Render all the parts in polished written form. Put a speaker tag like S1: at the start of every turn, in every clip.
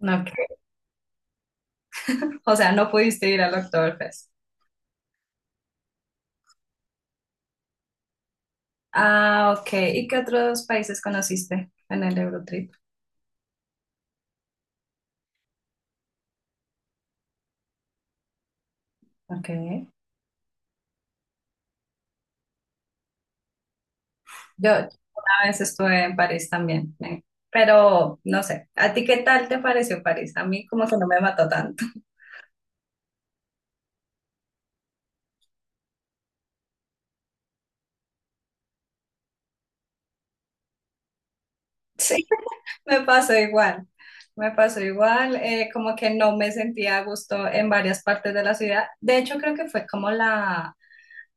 S1: No, Ok. O sea, no pudiste ir al Oktoberfest. Ah, ok. ¿Y qué otros países conociste en el Eurotrip? Ok. Yo a veces estuve en París también, pero no sé, ¿a ti qué tal te pareció París? A mí como que no me mató tanto. Sí, me pasó igual. Me pasó igual, como que no me sentía a gusto en varias partes de la ciudad. De hecho, creo que fue como la,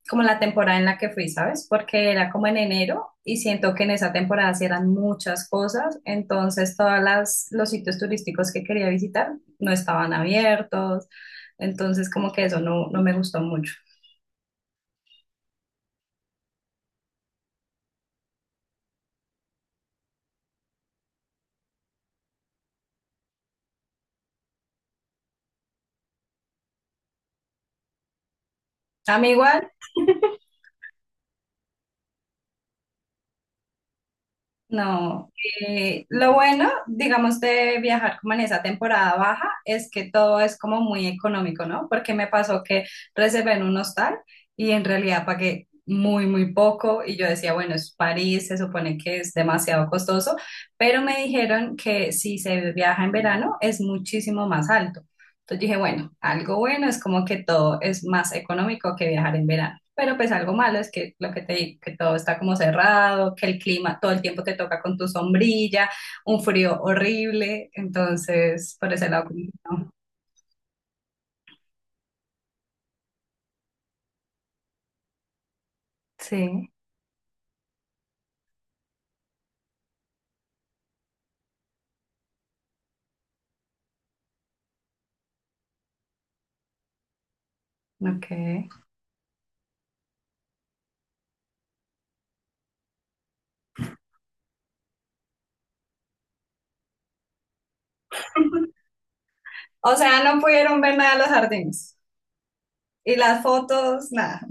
S1: como la temporada en la que fui, ¿sabes? Porque era como en enero y siento que en esa temporada sí eran muchas cosas, entonces todas las los sitios turísticos que quería visitar no estaban abiertos, entonces como que eso no, no me gustó mucho. A mí igual. No, lo bueno, digamos, de viajar como en esa temporada baja es que todo es como muy económico, ¿no? Porque me pasó que reservé en un hostal y en realidad pagué muy, muy poco y yo decía, bueno, es París, se supone que es demasiado costoso, pero me dijeron que si se viaja en verano es muchísimo más alto. Entonces dije, bueno, algo bueno es como que todo es más económico que viajar en verano. Pero pues algo malo es que lo que te digo, que todo está como cerrado, que el clima todo el tiempo te toca con tu sombrilla, un frío horrible. Entonces, por ese lado, como que no. Sí, ok. O sea, no pudieron ver nada de los jardines. Y las fotos, nada.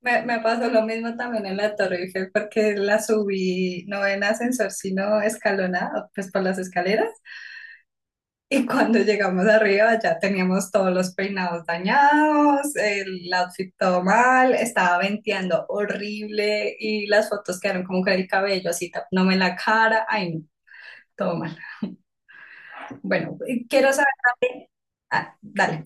S1: Me pasó lo mismo también en la Torre Eiffel porque la subí no en ascensor, sino escalonada, pues por las escaleras. Y cuando llegamos arriba ya teníamos todos los peinados dañados, el outfit todo mal, estaba venteando horrible y las fotos quedaron como con el cabello así tapándome la cara. Ay, no, todo mal. Bueno, quiero saber. Ah, dale.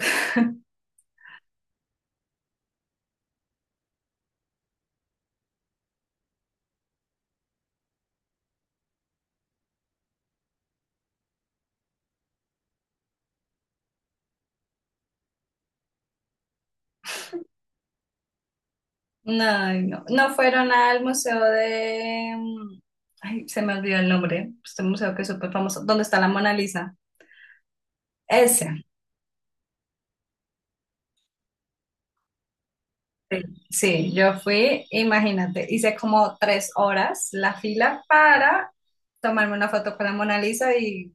S1: No, no, no fueron al museo de, ay, se me olvidó el nombre. Este museo que es súper famoso. ¿Dónde está la Mona Lisa? Ese. Sí, sí, yo fui, imagínate, hice como 3 horas la fila para tomarme una foto con la Mona Lisa y,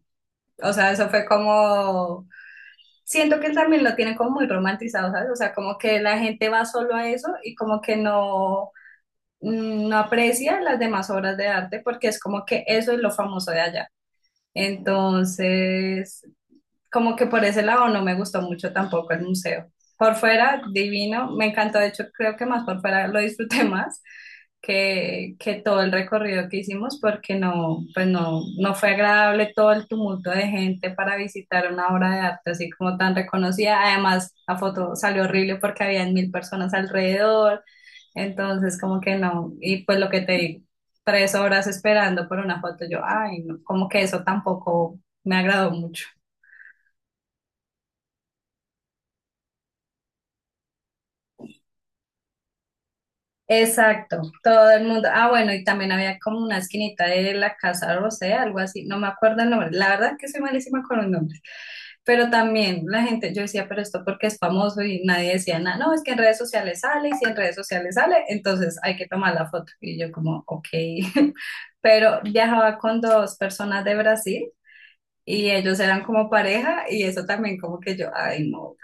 S1: o sea, eso fue como, siento que también lo tienen como muy romantizado, ¿sabes? O sea, como que la gente va solo a eso y como que no, no aprecia las demás obras de arte porque es como que eso es lo famoso de allá. Entonces, como que por ese lado no me gustó mucho tampoco el museo. Por fuera, divino, me encantó, de hecho creo que más por fuera lo disfruté más, que todo el recorrido que hicimos porque no, pues no, no fue agradable todo el tumulto de gente para visitar una obra de arte así como tan reconocida. Además, la foto salió horrible porque había 1.000 personas alrededor, entonces como que no, y pues lo que te digo, 3 horas esperando por una foto, yo, ay, no, como que eso tampoco me agradó mucho. Exacto, todo el mundo. Ah, bueno, y también había como una esquinita de la Casa Rosé, algo así, no me acuerdo el nombre. La verdad que soy malísima con los nombres. Pero también la gente, yo decía, pero esto porque es famoso y nadie decía nada. No, es que en redes sociales sale y si en redes sociales sale, entonces hay que tomar la foto. Y yo como, ok. Pero viajaba con dos personas de Brasil y ellos eran como pareja y eso también como que yo, ay, no,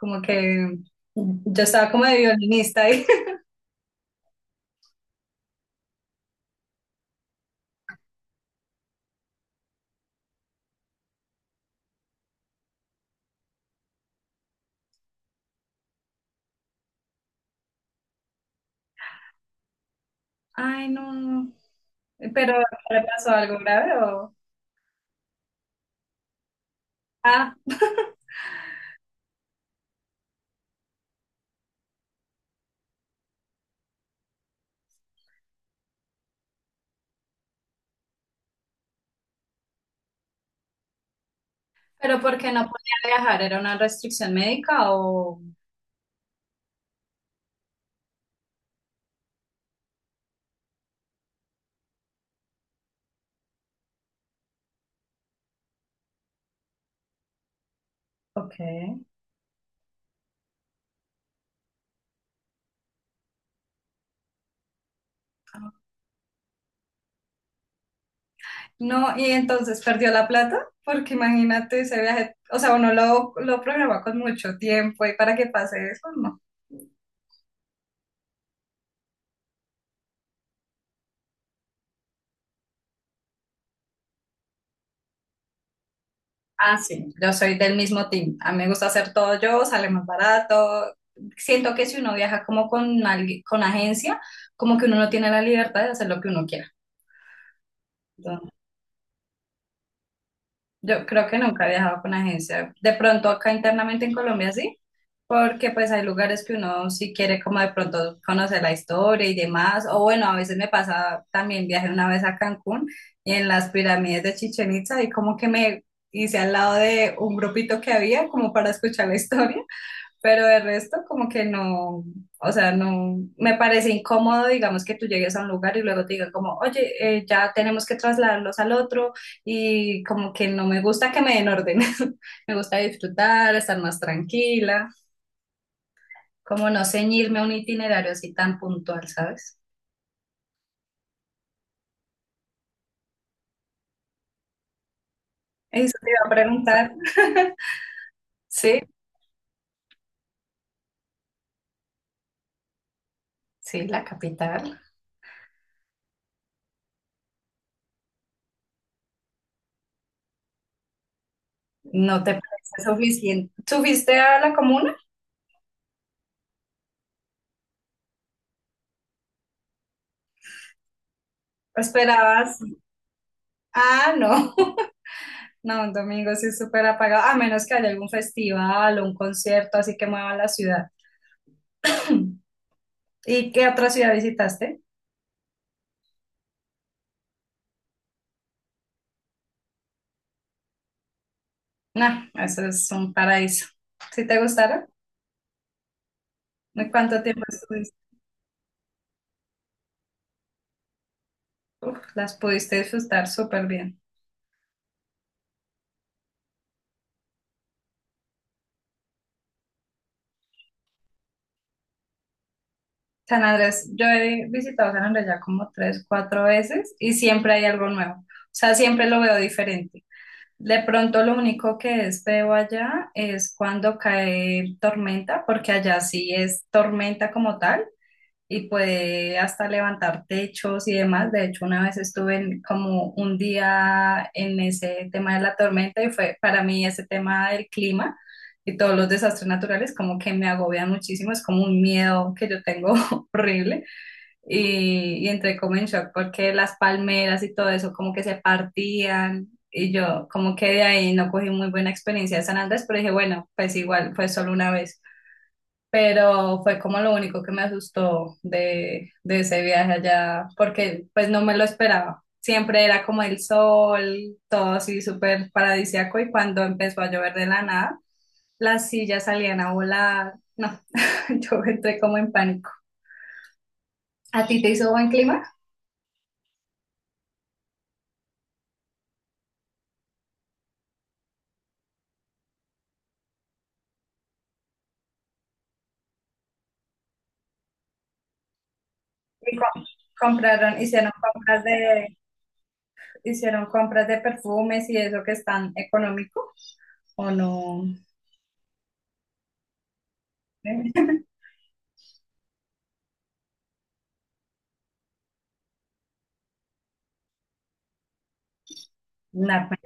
S1: como que yo estaba como de violinista. Ay, no, no. ¿Pero le pasó algo grave o...? Ah, ¿pero por qué no podía viajar? ¿Era una restricción médica o...? Ok. No, y entonces perdió la plata, porque imagínate ese viaje, o sea, uno lo programa con mucho tiempo y para que pase eso, no. Ah, sí, yo soy del mismo team. A mí me gusta hacer todo yo, sale más barato. Siento que si uno viaja como con alguien, con agencia, como que uno no tiene la libertad de hacer lo que uno quiera. Yo creo que nunca he viajado con agencia. De pronto acá internamente en Colombia sí, porque pues hay lugares que uno sí quiere como de pronto conocer la historia y demás. O bueno, a veces me pasa, también viajé una vez a Cancún y en las pirámides de Chichen Itza y como que me hice al lado de un grupito que había como para escuchar la historia. Pero de resto, como que no, o sea, no, me parece incómodo, digamos, que tú llegues a un lugar y luego te digan como, oye, ya tenemos que trasladarlos al otro y como que no me gusta que me den orden, me gusta disfrutar, estar más tranquila, como no ceñirme a un itinerario así tan puntual, ¿sabes? Eso te iba a preguntar, sí, sí, la capital, ¿no te parece suficiente? ¿Subiste a la comuna? ¿Esperabas? Ah, no. No, un domingo sí es súper apagado, a menos que haya algún festival o un concierto, así que mueva la ciudad. ¿Y qué otra ciudad visitaste? No, eso es un paraíso. ¿Sí te gustaron? ¿Y cuánto tiempo estuviste? Uf, las pudiste disfrutar súper bien. San Andrés, yo he visitado San Andrés ya como tres, cuatro veces y siempre hay algo nuevo. O sea, siempre lo veo diferente. De pronto lo único que es feo allá es cuando cae tormenta, porque allá sí es tormenta como tal. Y puede hasta levantar techos y demás. De hecho, una vez estuve como un día en ese tema de la tormenta y fue para mí ese tema del clima y todos los desastres naturales como que me agobian muchísimo, es como un miedo que yo tengo horrible y entré como en shock porque las palmeras y todo eso como que se partían. Y yo como que de ahí no cogí muy buena experiencia de San Andrés, pero dije, bueno, pues igual fue solo una vez pero fue como lo único que me asustó de ese viaje allá, porque pues no me lo esperaba. Siempre era como el sol, todo así súper paradisíaco y cuando empezó a llover de la nada, las sillas salían a volar. No, yo entré como en pánico. ¿A ti te hizo buen clima? Y co- compraron, hicieron compras de perfumes y eso que es tan económico, ¿o no? Nada.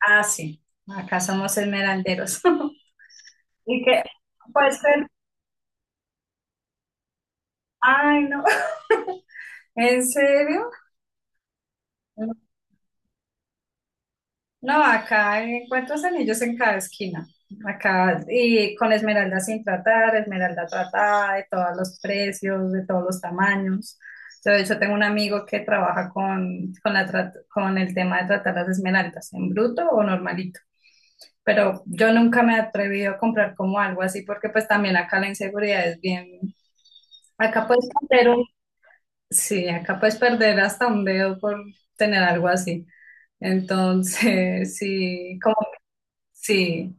S1: Ah, sí, acá somos esmeralderos. Y que, pues, pero- ay, no, ¿en serio? No, acá encuentras anillos en cada esquina. Acá, y con esmeralda sin tratar, esmeralda tratada, de todos los precios, de todos los tamaños. Yo, de hecho, tengo un amigo que trabaja con con el tema de tratar las esmeraldas, en bruto o normalito. Pero yo nunca me he atrevido a comprar como algo así, porque pues también acá la inseguridad es bien. Acá puedes comprar. Sí, acá puedes perder hasta un dedo por tener algo así. Entonces, sí, como sí,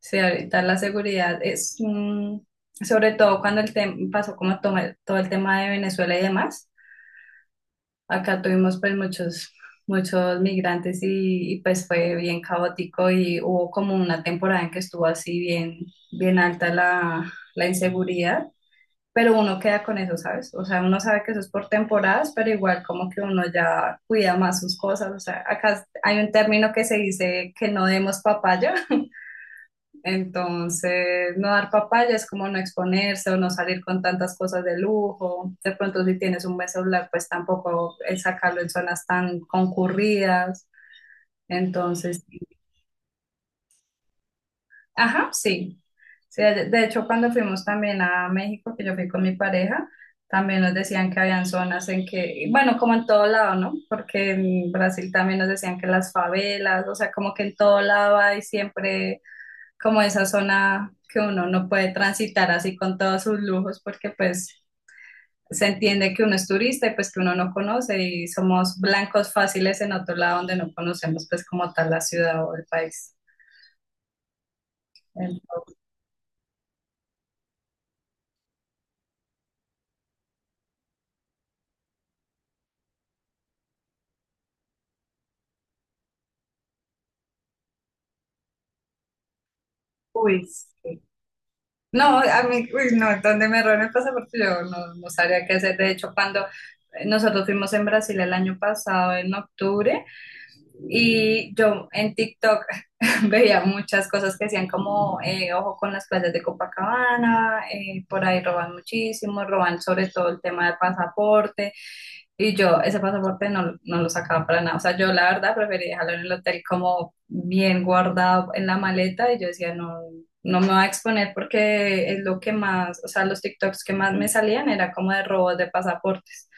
S1: sí, ahorita la seguridad es un- sobre todo cuando pasó como todo el tema de Venezuela y demás. Acá tuvimos pues muchos migrantes y, pues fue bien caótico y hubo como una temporada en que estuvo así bien bien alta la inseguridad pero uno queda con eso, ¿sabes? O sea, uno sabe que eso es por temporadas, pero igual como que uno ya cuida más sus cosas. O sea, acá hay un término que se dice que no demos papaya, entonces no dar papaya es como no exponerse o no salir con tantas cosas de lujo. De pronto si tienes un buen celular, pues tampoco es sacarlo en zonas tan concurridas. Entonces, sí. Ajá, sí. Sí, de hecho, cuando fuimos también a México, que yo fui con mi pareja, también nos decían que habían zonas en que, bueno, como en todo lado, ¿no? Porque en Brasil también nos decían que las favelas, o sea, como que en todo lado hay siempre como esa zona que uno no puede transitar así con todos sus lujos, porque pues se entiende que uno es turista y pues que uno no conoce y somos blancos fáciles en otro lado donde no conocemos pues como tal la ciudad o el país. Entonces, uy, sí. No, a mí, uy, no, donde me roben el pasaporte yo no, no sabría qué hacer. De hecho, cuando nosotros fuimos en Brasil el año pasado, en octubre, y yo en TikTok veía muchas cosas que hacían como ojo con las playas de Copacabana, por ahí roban muchísimo, roban sobre todo el tema del pasaporte. Y yo ese pasaporte no, no lo sacaba para nada. O sea, yo la verdad preferí dejarlo en el hotel como bien guardado en la maleta y yo decía, no, no me voy a exponer porque es lo que más, o sea, los TikToks que más me salían era como de robos de pasaportes.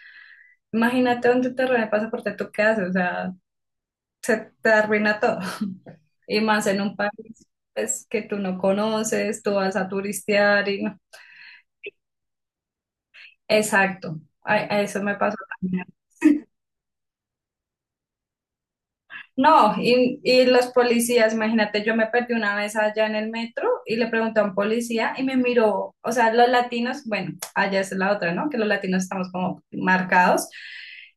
S1: Imagínate donde te roban el pasaporte, ¿tú qué haces? O sea, se te arruina todo. Y más en un país pues, que tú no conoces, tú vas a turistear y no. Exacto, a eso me pasó también. No, y los policías, imagínate, yo me perdí una vez allá en el metro y le pregunté a un policía y me miró, o sea, los latinos, bueno, allá es la otra, ¿no? Que los latinos estamos como marcados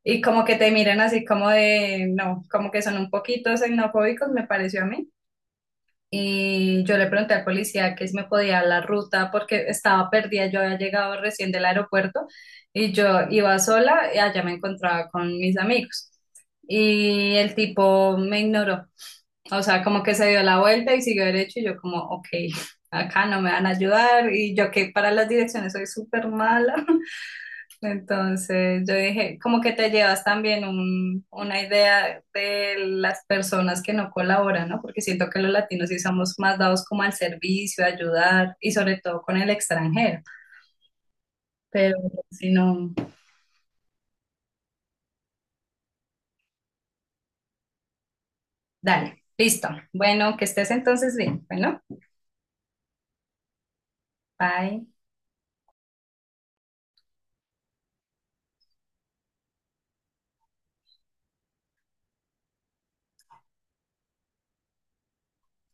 S1: y como que te miran así como de, no, como que son un poquito xenofóbicos, me pareció a mí. Y yo le pregunté al policía que si me podía dar la ruta porque estaba perdida, yo había llegado recién del aeropuerto y yo iba sola y allá me encontraba con mis amigos. Y el tipo me ignoró, o sea, como que se dio la vuelta y siguió derecho y yo como, ok, acá no me van a ayudar y yo que para las direcciones soy súper mala. Entonces yo dije, como que te llevas también una idea de las personas que no colaboran, ¿no? Porque siento que los latinos sí somos más dados como al servicio, a ayudar y sobre todo con el extranjero. Pero si no, dale, listo. Bueno, que estés entonces bien. Bueno, bye.